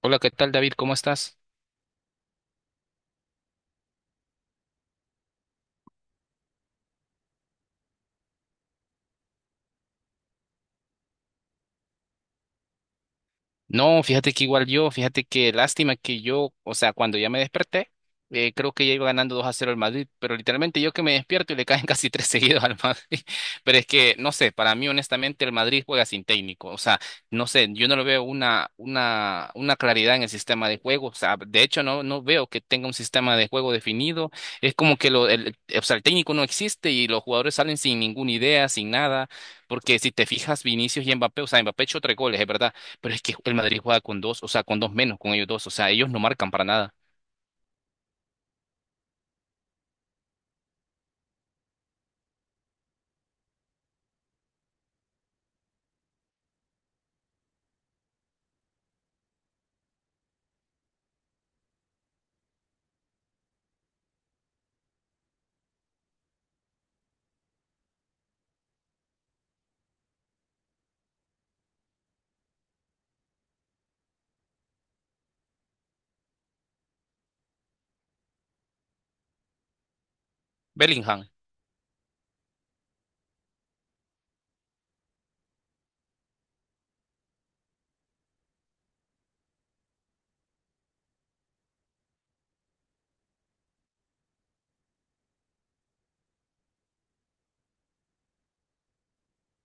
Hola, ¿qué tal, David? ¿Cómo estás? No, fíjate que igual yo, fíjate que lástima que yo, o sea, cuando ya me desperté, creo que ya iba ganando 2-0 el Madrid, pero literalmente yo que me despierto y le caen casi tres seguidos al Madrid. Pero es que, no sé, para mí honestamente el Madrid juega sin técnico, o sea, no sé, yo no le veo una claridad en el sistema de juego, o sea, de hecho no veo que tenga un sistema de juego definido, es como que o sea, el técnico no existe y los jugadores salen sin ninguna idea, sin nada, porque si te fijas, Vinicius y Mbappé, o sea, Mbappé echó tres goles, es verdad, pero es que el Madrid juega con dos, o sea, con dos menos, con ellos dos, o sea, ellos no marcan para nada. Bellingham.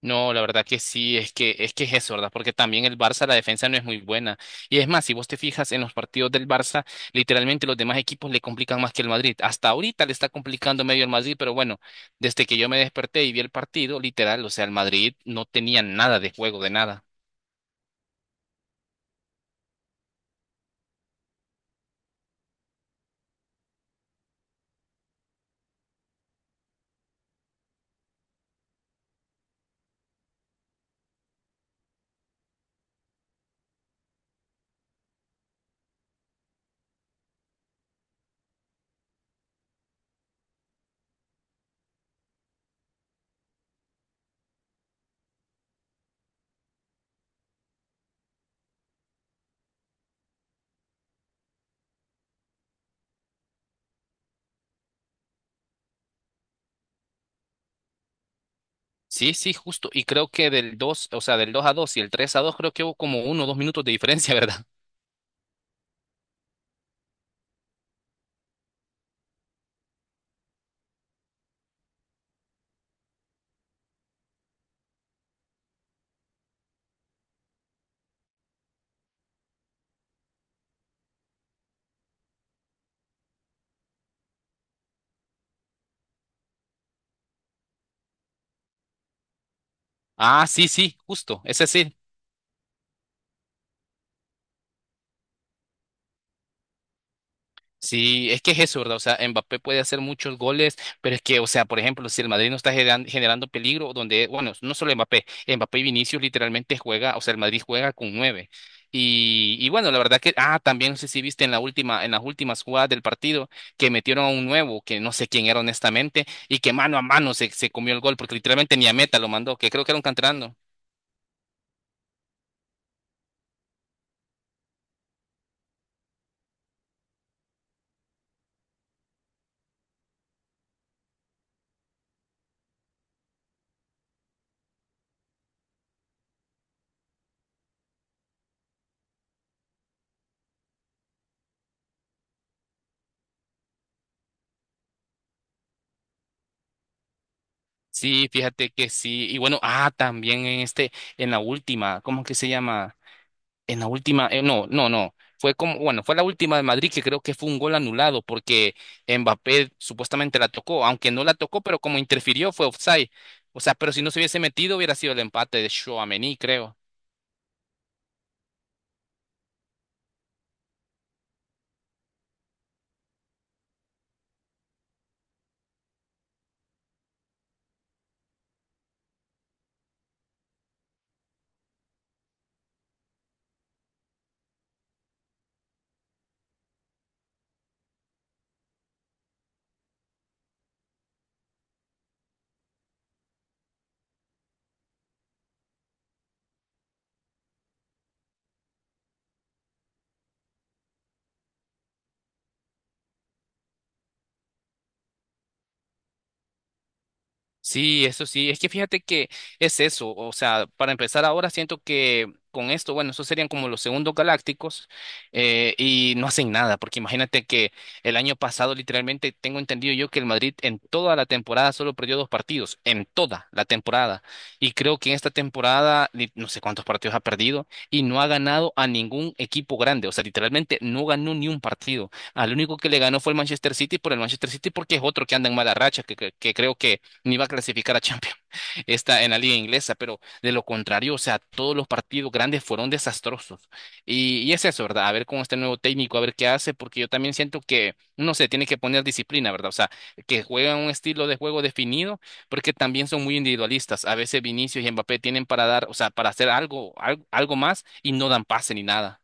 No, la verdad que sí, es que es eso, ¿verdad? Porque también el Barça, la defensa no es muy buena. Y es más, si vos te fijas en los partidos del Barça, literalmente los demás equipos le complican más que el Madrid. Hasta ahorita le está complicando medio el Madrid, pero bueno, desde que yo me desperté y vi el partido, literal, o sea, el Madrid no tenía nada de juego, de nada. Sí, sí, justo. Y creo que del 2, o sea, del 2-2 y el 3-2 creo que hubo como 1 o 2 minutos de diferencia, ¿verdad? Ah, sí, sí, justo. Ese sí. Sí, es que es eso, ¿verdad? O sea, Mbappé puede hacer muchos goles, pero es que, o sea, por ejemplo, si el Madrid no está generando peligro, donde, bueno, no solo Mbappé, Mbappé y Vinicius literalmente juega, o sea, el Madrid juega con nueve. Y bueno, la verdad que, también no sé si viste en las últimas jugadas del partido que metieron a un nuevo, que no sé quién era honestamente, y que mano a mano se comió el gol, porque literalmente ni a meta lo mandó, que creo que era un canterano. Sí, fíjate que sí. Y bueno, también en la última, ¿cómo que se llama? En la última, no, no, no. Fue como, bueno, fue la última de Madrid que creo que fue un gol anulado porque Mbappé supuestamente la tocó, aunque no la tocó, pero como interfirió fue offside. O sea, pero si no se hubiese metido hubiera sido el empate de Tchouaméni, creo. Sí, eso sí, es que fíjate que es eso, o sea, para empezar ahora siento que con esto, bueno, esos serían como los segundos galácticos, y no hacen nada, porque imagínate que el año pasado literalmente tengo entendido yo que el Madrid en toda la temporada solo perdió dos partidos, en toda la temporada, y creo que en esta temporada no sé cuántos partidos ha perdido y no ha ganado a ningún equipo grande, o sea, literalmente no ganó ni un partido, al único que le ganó fue el Manchester City por el Manchester City porque es otro que anda en mala racha, que creo que ni va a clasificar a Champions, está en la liga inglesa, pero de lo contrario, o sea, todos los partidos grandes fueron desastrosos. Y es eso, ¿verdad? A ver con este nuevo técnico, a ver qué hace, porque yo también siento que no se tiene que poner disciplina, ¿verdad? O sea, que juegan un estilo de juego definido, porque también son muy individualistas. A veces Vinicius y Mbappé tienen para dar, o sea, para hacer algo, algo, algo más y no dan pase ni nada.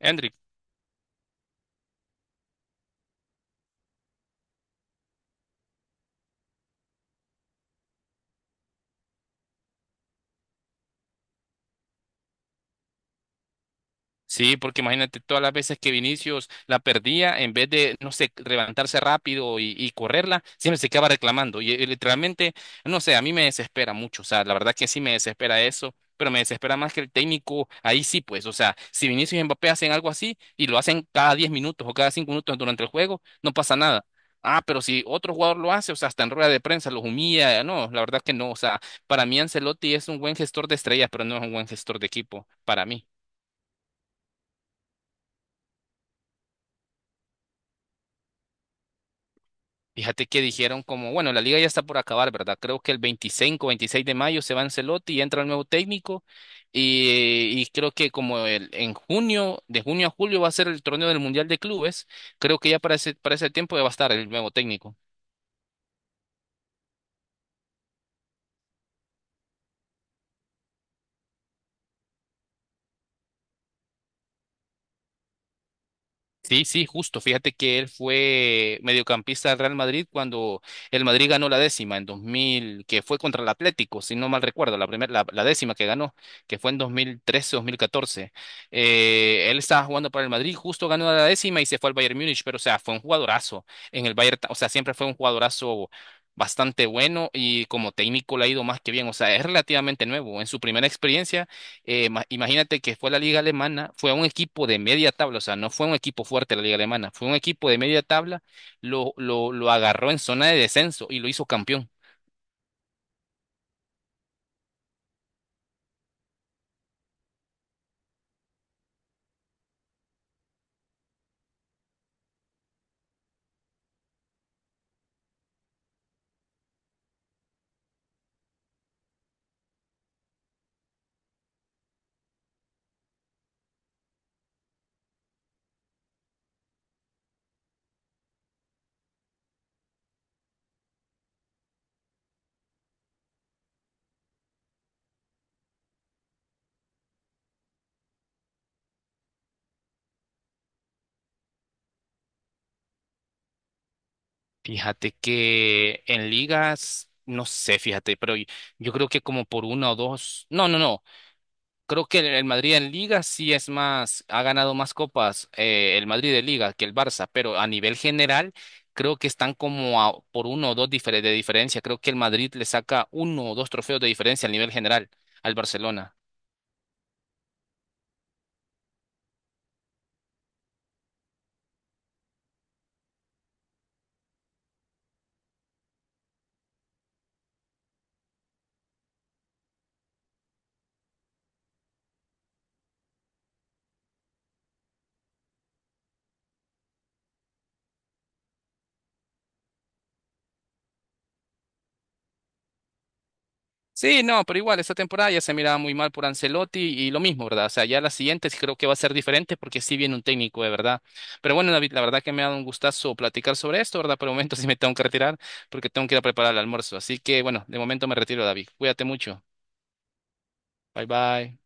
Hendrik. Sí, porque imagínate todas las veces que Vinicius la perdía, en vez de, no sé, levantarse rápido y correrla, siempre se acaba reclamando. Y literalmente, no sé, a mí me desespera mucho. O sea, la verdad que sí me desespera eso, pero me desespera más que el técnico. Ahí sí, pues, o sea, si Vinicius y Mbappé hacen algo así y lo hacen cada 10 minutos o cada 5 minutos durante el juego, no pasa nada. Ah, pero si otro jugador lo hace, o sea, hasta en rueda de prensa los humilla. No, la verdad que no. O sea, para mí Ancelotti es un buen gestor de estrellas, pero no es un buen gestor de equipo, para mí. Fíjate que dijeron como, bueno, la liga ya está por acabar, ¿verdad? Creo que el 25-26 de mayo se va Ancelotti y entra el nuevo técnico y creo que en junio, de junio a julio va a ser el torneo del Mundial de Clubes, creo que ya para ese tiempo ya va a estar el nuevo técnico. Sí, sí, justo. Fíjate que él fue mediocampista del Real Madrid cuando el Madrid ganó la décima en 2000, que fue contra el Atlético, si no mal recuerdo, la primera, la décima que ganó, que fue en 2013-2014. Él estaba jugando para el Madrid, justo ganó la décima y se fue al Bayern Múnich, pero o sea, fue un jugadorazo en el Bayern, o sea, siempre fue un jugadorazo bastante bueno y como técnico le ha ido más que bien, o sea, es relativamente nuevo. En su primera experiencia imagínate que fue la liga alemana, fue un equipo de media tabla, o sea, no fue un equipo fuerte la liga alemana, fue un equipo de media tabla, lo agarró en zona de descenso y lo hizo campeón. Fíjate que en ligas, no sé, fíjate, pero yo creo que como por una o dos, no, no, no. Creo que el Madrid en Liga sí es más, ha ganado más copas, el Madrid de Liga que el Barça, pero a nivel general creo que están como por uno o dos de diferencia. Creo que el Madrid le saca uno o dos trofeos de diferencia a nivel general al Barcelona. Sí, no, pero igual, esta temporada ya se miraba muy mal por Ancelotti y lo mismo, ¿verdad? O sea, ya las siguientes creo que va a ser diferente porque sí viene un técnico, de verdad. Pero bueno, David, la verdad que me ha dado un gustazo platicar sobre esto, ¿verdad? Por el momento sí me tengo que retirar porque tengo que ir a preparar el almuerzo. Así que bueno, de momento me retiro, David. Cuídate mucho. Bye bye.